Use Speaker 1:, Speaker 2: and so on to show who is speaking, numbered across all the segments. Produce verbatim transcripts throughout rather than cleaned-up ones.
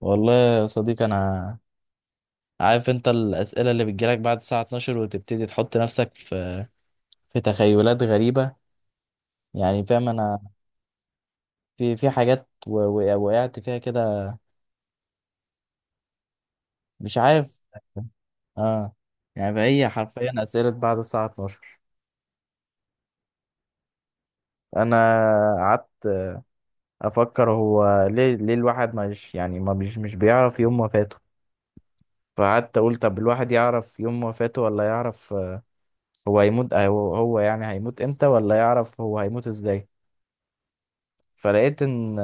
Speaker 1: والله يا صديقي انا عارف انت الاسئله اللي بتجيلك بعد الساعه اثناشر وتبتدي تحط نفسك في في تخيلات غريبه. يعني فاهم انا، في في حاجات و- و- وقعت فيها كده. مش عارف. اه، يعني هي حرفيا اسئله بعد الساعه اثناشر. انا قعدت افكر هو ليه ليه الواحد مش، يعني ما مش مش بيعرف يوم وفاته. فقعدت اقول طب الواحد يعرف يوم وفاته ولا يعرف، آه، هو هيموت، آه، هو هو يعني هيموت امتى، ولا يعرف هو هيموت ازاي. فلقيت ان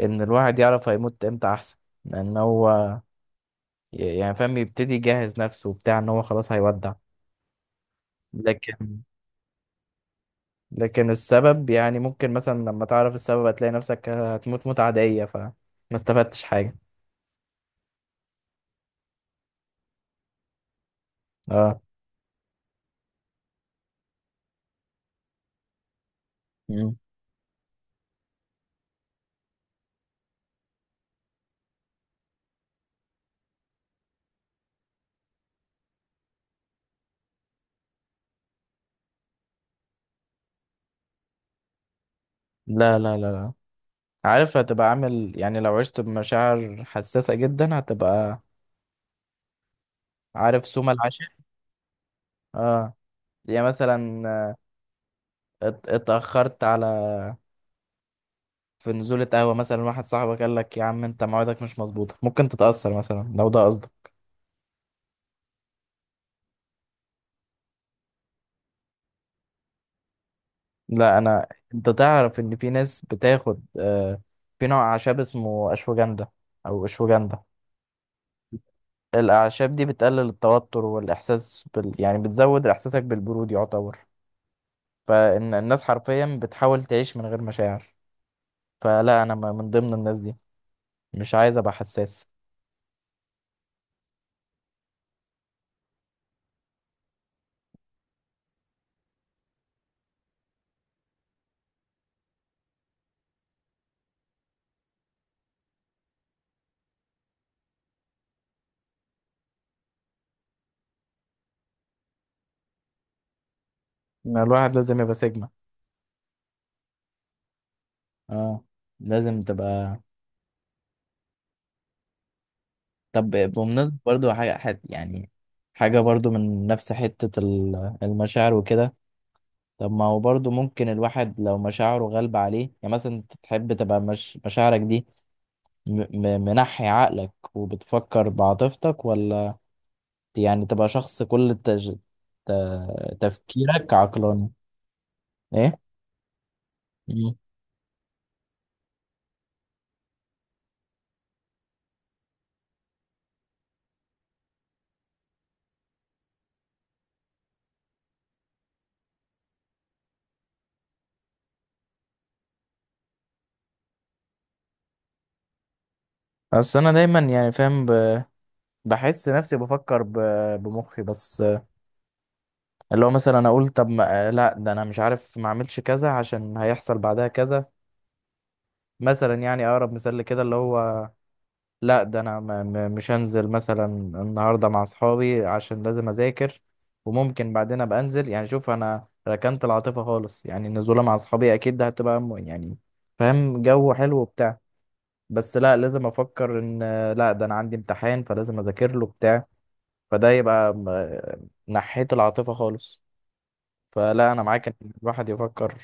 Speaker 1: ان الواحد يعرف هيموت امتى احسن، لان هو ي- يعني فاهم يبتدي يجهز نفسه وبتاع ان هو خلاص هيودع. لكن لكن السبب يعني ممكن مثلا لما تعرف السبب هتلاقي نفسك هتموت موت عادية فما استفدتش حاجة. اه. مم. لا لا لا لا، عارف هتبقى عامل، يعني لو عشت بمشاعر حساسة جدا هتبقى عارف سوما العاشر. اه، يعني مثلا آه، ات- اتأخرت على، في نزولة قهوة مثلا، واحد صاحبك قال لك يا عم انت موعدك مش مظبوطة، ممكن تتأثر مثلا لو ده قصدك. لا انا، انت تعرف ان في ناس بتاخد آه، في نوع اعشاب اسمه اشوجندا او اشوجندا. الاعشاب دي بتقلل التوتر والاحساس بال... يعني بتزود احساسك بالبرود يعتبر. فان الناس حرفيا بتحاول تعيش من غير مشاعر. فلا انا م- من ضمن الناس دي، مش عايز ابقى حساس. ما الواحد لازم يبقى سيجما. اه، لازم تبقى. طب بمناسبة برضو حاجة حاجة- يعني حاجة برضو من نفس حتة ال- المشاعر وكده. طب ما هو برضه ممكن الواحد لو مشاعره غالبة عليه، يعني مثلا انت تحب تبقى مش مشاعرك دي م- م- منحي عقلك وبتفكر بعاطفتك، ولا يعني تبقى شخص كل التج... ت... تفكيرك عقلاني؟ ايه. مم. بس انا دايما يعني فاهم ب... بحس نفسي بفكر ب... بمخي بس. اللي هو مثلا انا اقول طب ما... لا ده انا مش عارف ما اعملش كذا عشان هيحصل بعدها كذا. مثلا يعني اقرب مثال لكده اللي هو، لا ده انا م- م- مش هنزل مثلا النهارده مع اصحابي عشان لازم اذاكر، وممكن بعدين ابقى انزل. يعني شوف، انا ركنت العاطفه خالص، يعني النزوله مع اصحابي اكيد ده هتبقى م- يعني فاهم جو حلو وبتاع، بس لا لازم افكر ان، آه، لا ده انا عندي امتحان فلازم اذاكر له بتاع. فده يبقى م- آه، نحيت العاطفه خالص. فلا انا معاك ان الواحد يفكر.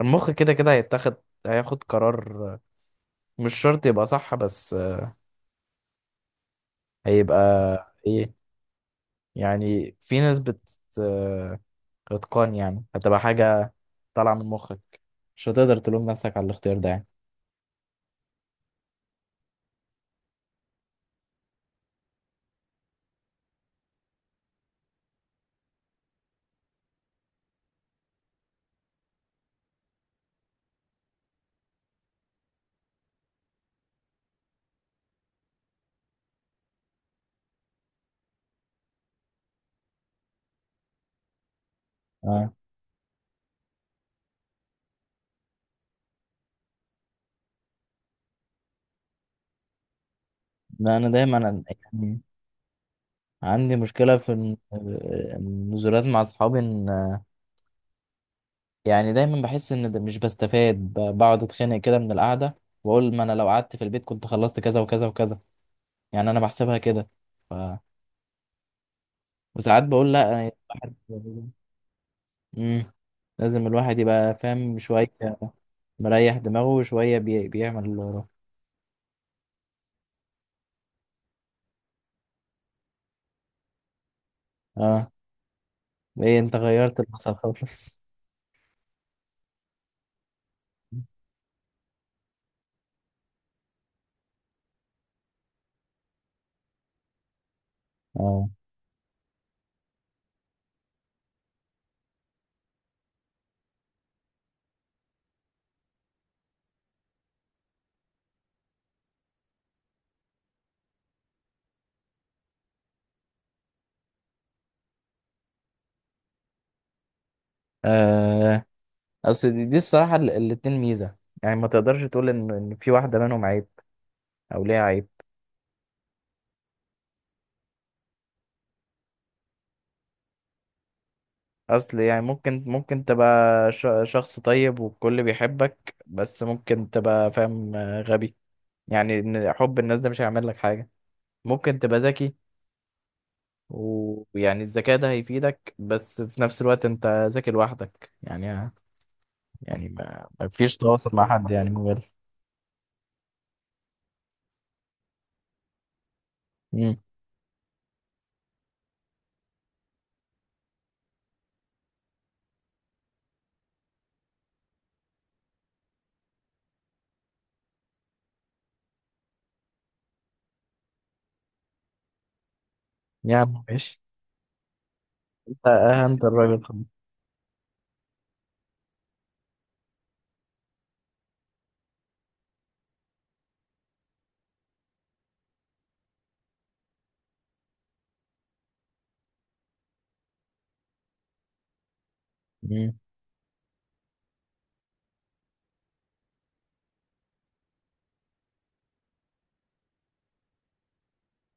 Speaker 1: المخ كده كده هيتاخد، هياخد قرار، آه، مش شرط يبقى صح، بس آه، هيبقى ايه؟ يعني في ناس بت آه، اتقان، يعني هتبقى حاجة طالعة من مخك، مش هتقدر تلوم نفسك على الاختيار ده يعني. اه. لا انا دايما أنا- يعني عندي مشكلة في الن- النزولات مع اصحابي ان، آه، يعني دايما بحس ان ده مش بستفاد ب- بقعد اتخانق كده من القعدة، واقول ما انا لو قعدت في البيت كنت خلصت كذا وكذا وكذا. يعني انا بحسبها كده، ف... وساعات بقول لا يعني. مم. لازم الواحد يبقى فاهم شوية مريح دماغه، وشوية بي... بيعمل اللي وراه. اه، ايه انت غيرت المسار خالص! اه، آه، اصل دي, دي الصراحة ال- الاتنين ميزة، يعني ما تقدرش تقول ان إن في واحدة منهم عيب او ليها عيب. اصل يعني ممكن ممكن تبقى ش- شخص طيب والكل بيحبك، بس ممكن تبقى فاهم آه، غبي، يعني إن حب الناس ده مش هيعمل لك حاجة. ممكن تبقى ذكي ويعني الذكاء ده هيفيدك، بس في نفس الوقت انت ذكي لوحدك، يعني يعني ما, ما فيش تواصل مع حد يعني موبايل. امم، يعني ماشي. انت اهنت الراجل خالص. مم.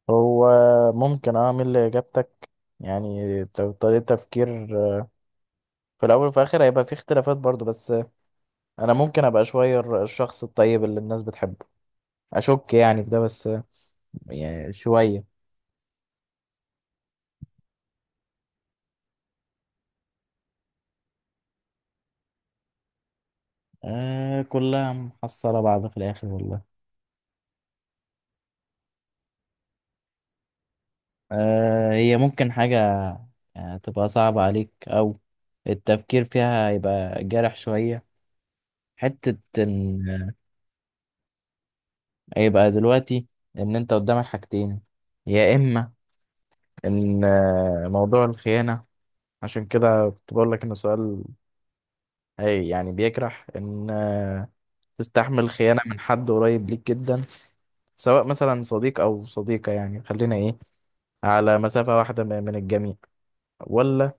Speaker 1: هو ممكن اعمل اجابتك، يعني ت- طريقة تفكير، في الاول وفي الاخر هيبقى في اختلافات برضو، بس انا ممكن ابقى شوية الر- الشخص الطيب اللي الناس بتحبه. اشك يعني في ده، بس يعني شوية. آه كلها محصلة بعض في الاخر والله. آه، هي ممكن حاجة آه، تبقى صعبة عليك أو التفكير فيها يبقى جارح شوية، حتة إن آه، يبقى دلوقتي إن أنت قدامك حاجتين، يا إما إن آه، موضوع الخيانة. عشان كده كنت بقول لك إن السؤال أي يعني بيجرح، إن آه، تستحمل خيانة من حد قريب ليك جدا، سواء مثلا صديق أو صديقة، يعني خلينا إيه، على مسافة واحدة من من الجميع، ولا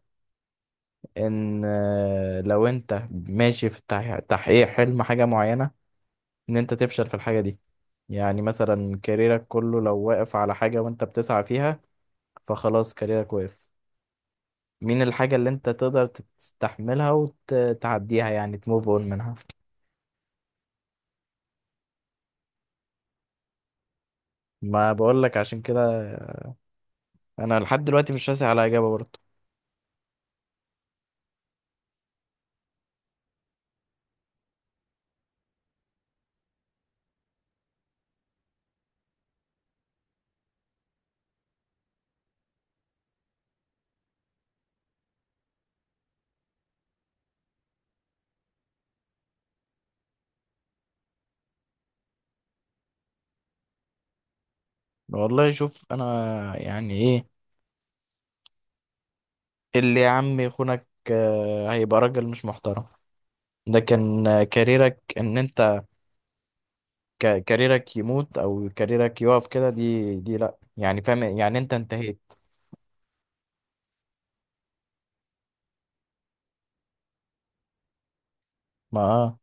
Speaker 1: ان آه، لو انت ماشي في التح- تحقيق حلم حاجة معينة ان انت تفشل في الحاجة دي. يعني مثلا كاريرك كله لو واقف على حاجة وانت بتسعى فيها، فخلاص كاريرك واقف. مين الحاجة اللي انت تقدر تستحملها وتعديها يعني تموف اون منها؟ ما بقولك عشان كده انا لحد دلوقتي مش راسي على اجابة برضه. والله شوف انا يعني ايه، اللي يا عم يخونك آه، هيبقى راجل مش محترم. ده كان آه، كاريرك ان انت ك- كاريرك يموت او كاريرك يقف كده، دي دي لا يعني فاهم يعني انت انتهيت. ما آه.